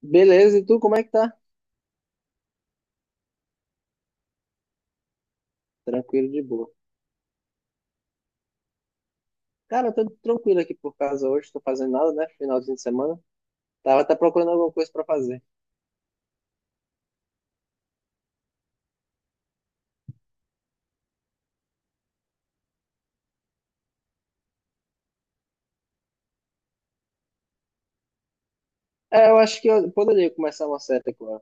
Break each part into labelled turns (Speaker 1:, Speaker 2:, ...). Speaker 1: Beleza, e tu como é que tá? Tranquilo, de boa. Cara, eu tô tranquilo aqui por casa hoje, tô fazendo nada, né? Finalzinho de semana. Tava até procurando alguma coisa pra fazer. É, eu acho que eu poderia começar uma série agora.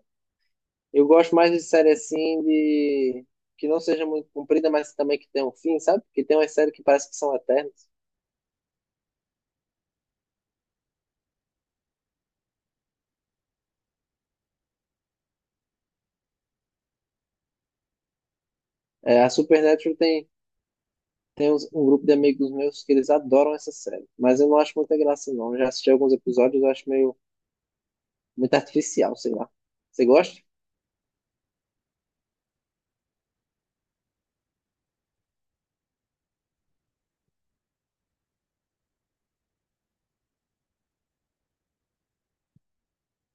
Speaker 1: Eu gosto mais de série assim, de... que não seja muito comprida, mas também que tenha um fim, sabe? Que tem umas séries que parece que são eternas. É, a Supernatural tem, um grupo de amigos meus que eles adoram essa série. Mas eu não acho muita graça, não. Eu já assisti alguns episódios, eu acho meio muito artificial, sei lá. Você gosta?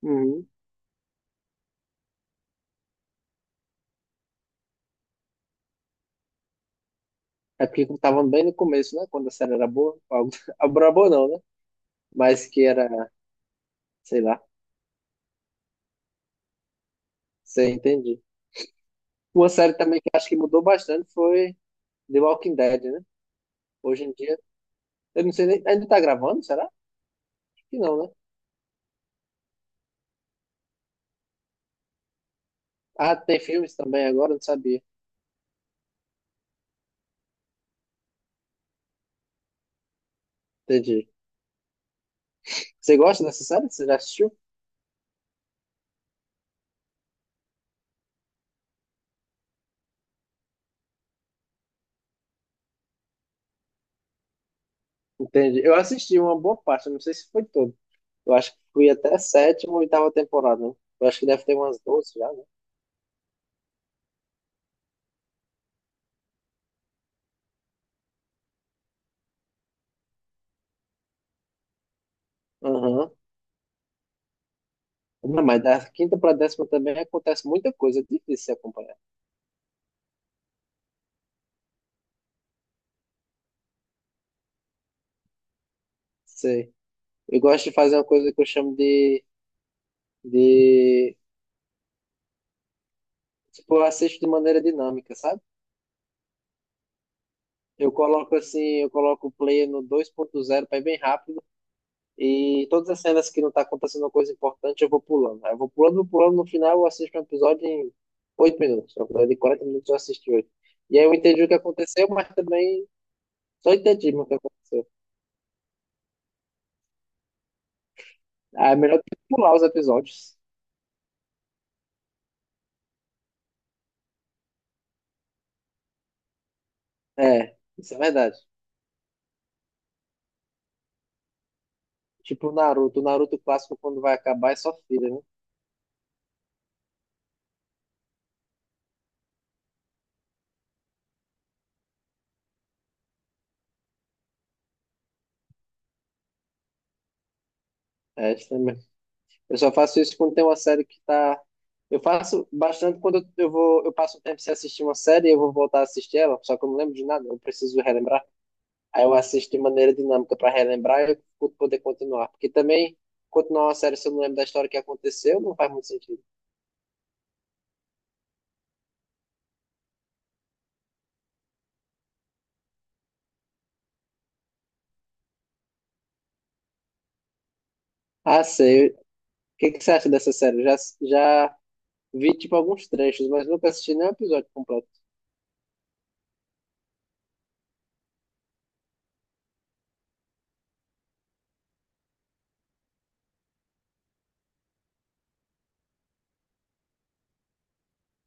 Speaker 1: Uhum. É porque tava bem no começo, né? Quando a série era boa. Algo era boa não, né? Mas que era, sei lá, você entende. Uma série também que acho que mudou bastante foi The Walking Dead, né? Hoje em dia, eu não sei nem, ainda tá gravando, será? Acho que não, né? Ah, tem filmes também agora, não sabia. Entendi. Você gosta dessa série? Você já assistiu? Entendi. Eu assisti uma boa parte, eu não sei se foi todo. Eu acho que fui até a sétima ou oitava temporada, né? Eu acho que deve ter umas 12 já, né? Aham. Não, mas da quinta para décima também acontece muita coisa, é difícil se acompanhar. Sei. Eu gosto de fazer uma coisa que eu chamo de... Tipo, eu assisto de maneira dinâmica, sabe? Eu coloco assim, eu coloco o play no dois ponto zero para ir bem rápido e todas as cenas que não tá acontecendo uma coisa importante eu vou pulando. Aí eu vou pulando, no final eu assisto um episódio em 8 minutos. Um episódio de 40 minutos eu assisti oito. E aí eu entendi o que aconteceu, mas também só entendi o que aconteceu. Ah, é melhor que pular os episódios. É, isso é verdade. Tipo o Naruto clássico quando vai acabar é só filler, né? É, isso também. Eu só faço isso quando tem uma série que tá. Eu faço bastante quando eu vou, eu passo um tempo sem assistir uma série e eu vou voltar a assistir ela, só que eu não lembro de nada, eu preciso relembrar. Aí eu assisto de maneira dinâmica para relembrar e eu poder continuar. Porque também, continuar uma série se eu não lembro da história que aconteceu, não faz muito sentido. Ah, sei. O que que você acha dessa série? Eu já vi, tipo, alguns trechos, mas nunca assisti nenhum episódio completo.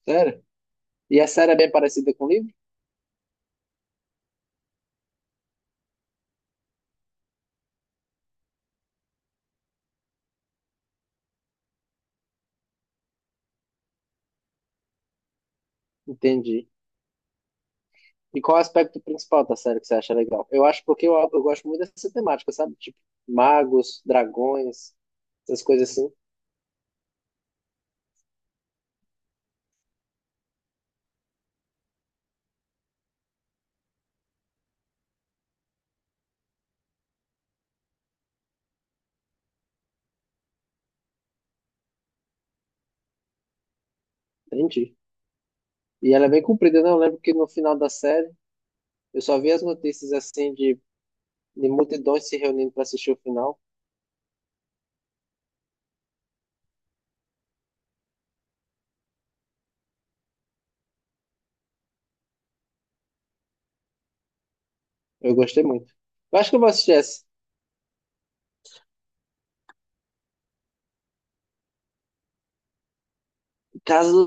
Speaker 1: Sério? E a série é bem parecida com o livro? Entendi. E qual é o aspecto principal da série que você acha legal? Eu acho porque eu gosto muito dessa temática, sabe? Tipo, magos, dragões, essas coisas assim. Entendi. E ela é bem comprida, né? Eu lembro que no final da série, eu só vi as notícias assim de multidões se reunindo pra assistir o final. Eu gostei muito. Eu acho que eu vou assistir essa. Caso.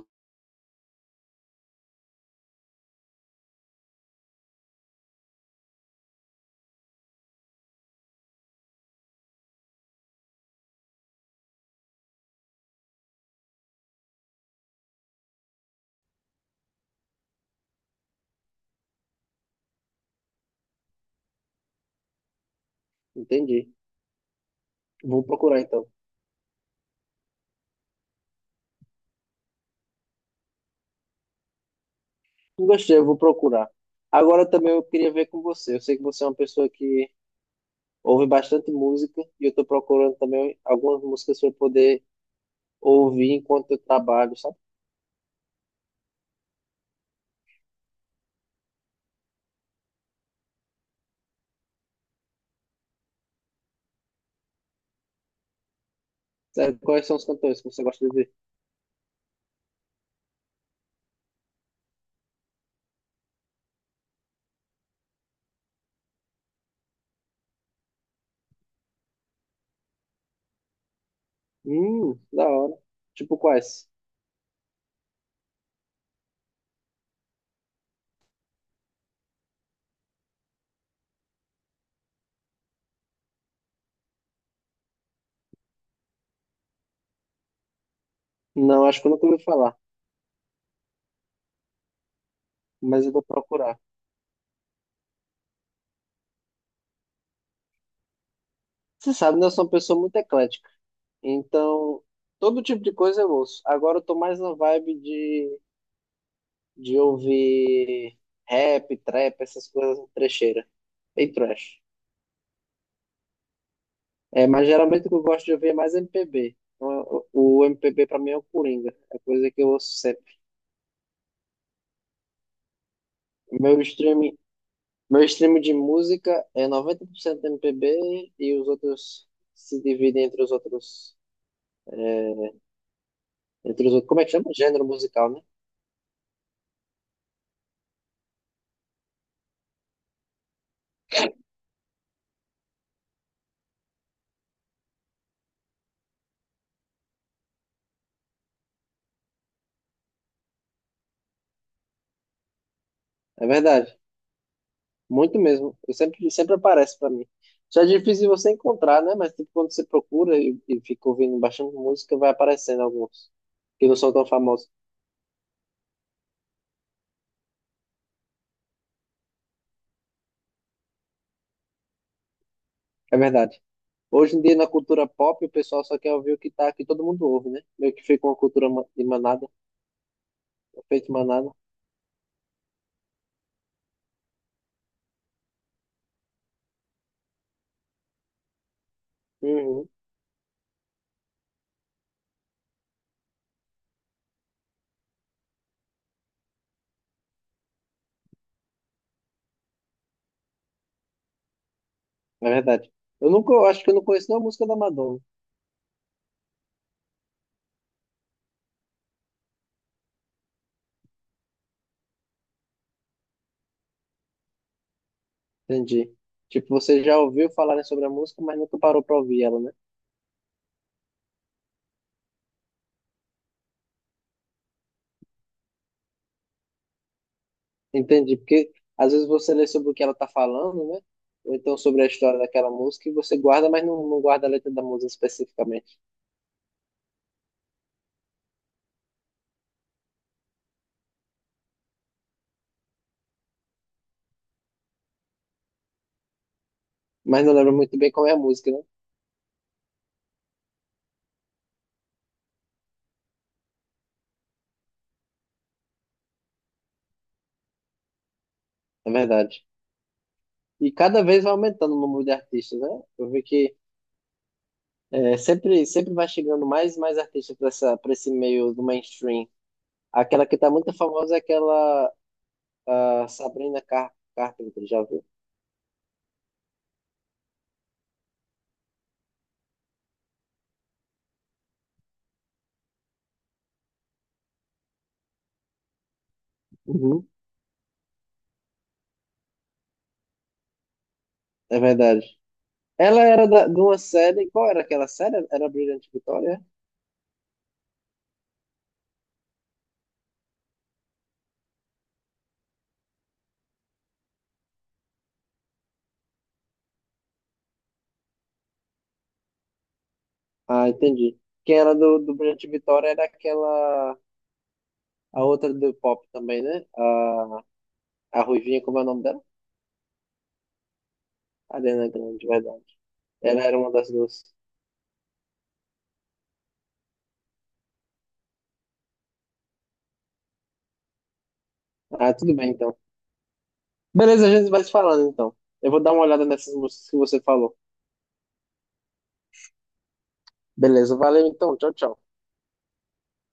Speaker 1: Entendi. Vou procurar então. Não gostei, eu vou procurar. Agora também eu queria ver com você. Eu sei que você é uma pessoa que ouve bastante música e eu tô procurando também algumas músicas para poder ouvir enquanto eu trabalho, sabe? Sabe quais são os cantores que você gosta de ouvir? Da hora. Tipo quais? Não, acho que eu nunca ouvi falar, mas eu vou procurar. Você sabe, né? Eu sou uma pessoa muito eclética, então todo tipo de coisa eu ouço. Agora eu tô mais na vibe de ouvir rap, trap, essas coisas trecheira e trash. É, mas geralmente o que eu gosto de ouvir é mais MPB. Então, o MPB pra mim é o Coringa, é a coisa que eu ouço sempre. Meu streaming Meu stream de música é 90% MPB e os outros se dividem entre os outros, como é que chama? Gênero musical, né? É verdade, muito mesmo. Eu sempre, sempre aparece para mim. Já é difícil você encontrar, né? Mas tipo, quando você procura e fica ouvindo baixando música, vai aparecendo alguns que não são tão famosos. É verdade. Hoje em dia, na cultura pop, o pessoal só quer ouvir o que tá, que todo mundo ouve, né? Meio que fica uma de manada, feito manada. Uhum, é verdade. Eu nunca, eu acho que eu não conheço nenhuma música da Madonna. Entendi. Tipo, você já ouviu falarem sobre a música, mas nunca parou para ouvir ela, né? Entendi, porque às vezes você lê sobre o que ela tá falando, né? Ou então sobre a história daquela música e você guarda, mas não guarda a letra da música especificamente. Mas não lembra muito bem qual é a música, né? Na verdade. E cada vez vai aumentando o número de artistas, né? Eu vi que é, sempre, sempre vai chegando mais e mais artistas para essa, para esse meio do mainstream. Aquela que tá muito famosa é aquela ah, Sabrina Carpenter, já viu? Uhum. É verdade. De uma série. Qual era aquela série? Era Brilhante Vitória? Ah, entendi. Que era do Brilhante Vitória era aquela. A outra do pop também, né? A Ruivinha, como é o nome dela? Ariana Grande, verdade. Ela era uma das duas. Ah, tudo bem então. Beleza, a gente vai se falando então. Eu vou dar uma olhada nessas músicas que você falou. Beleza, valeu então. Tchau, tchau.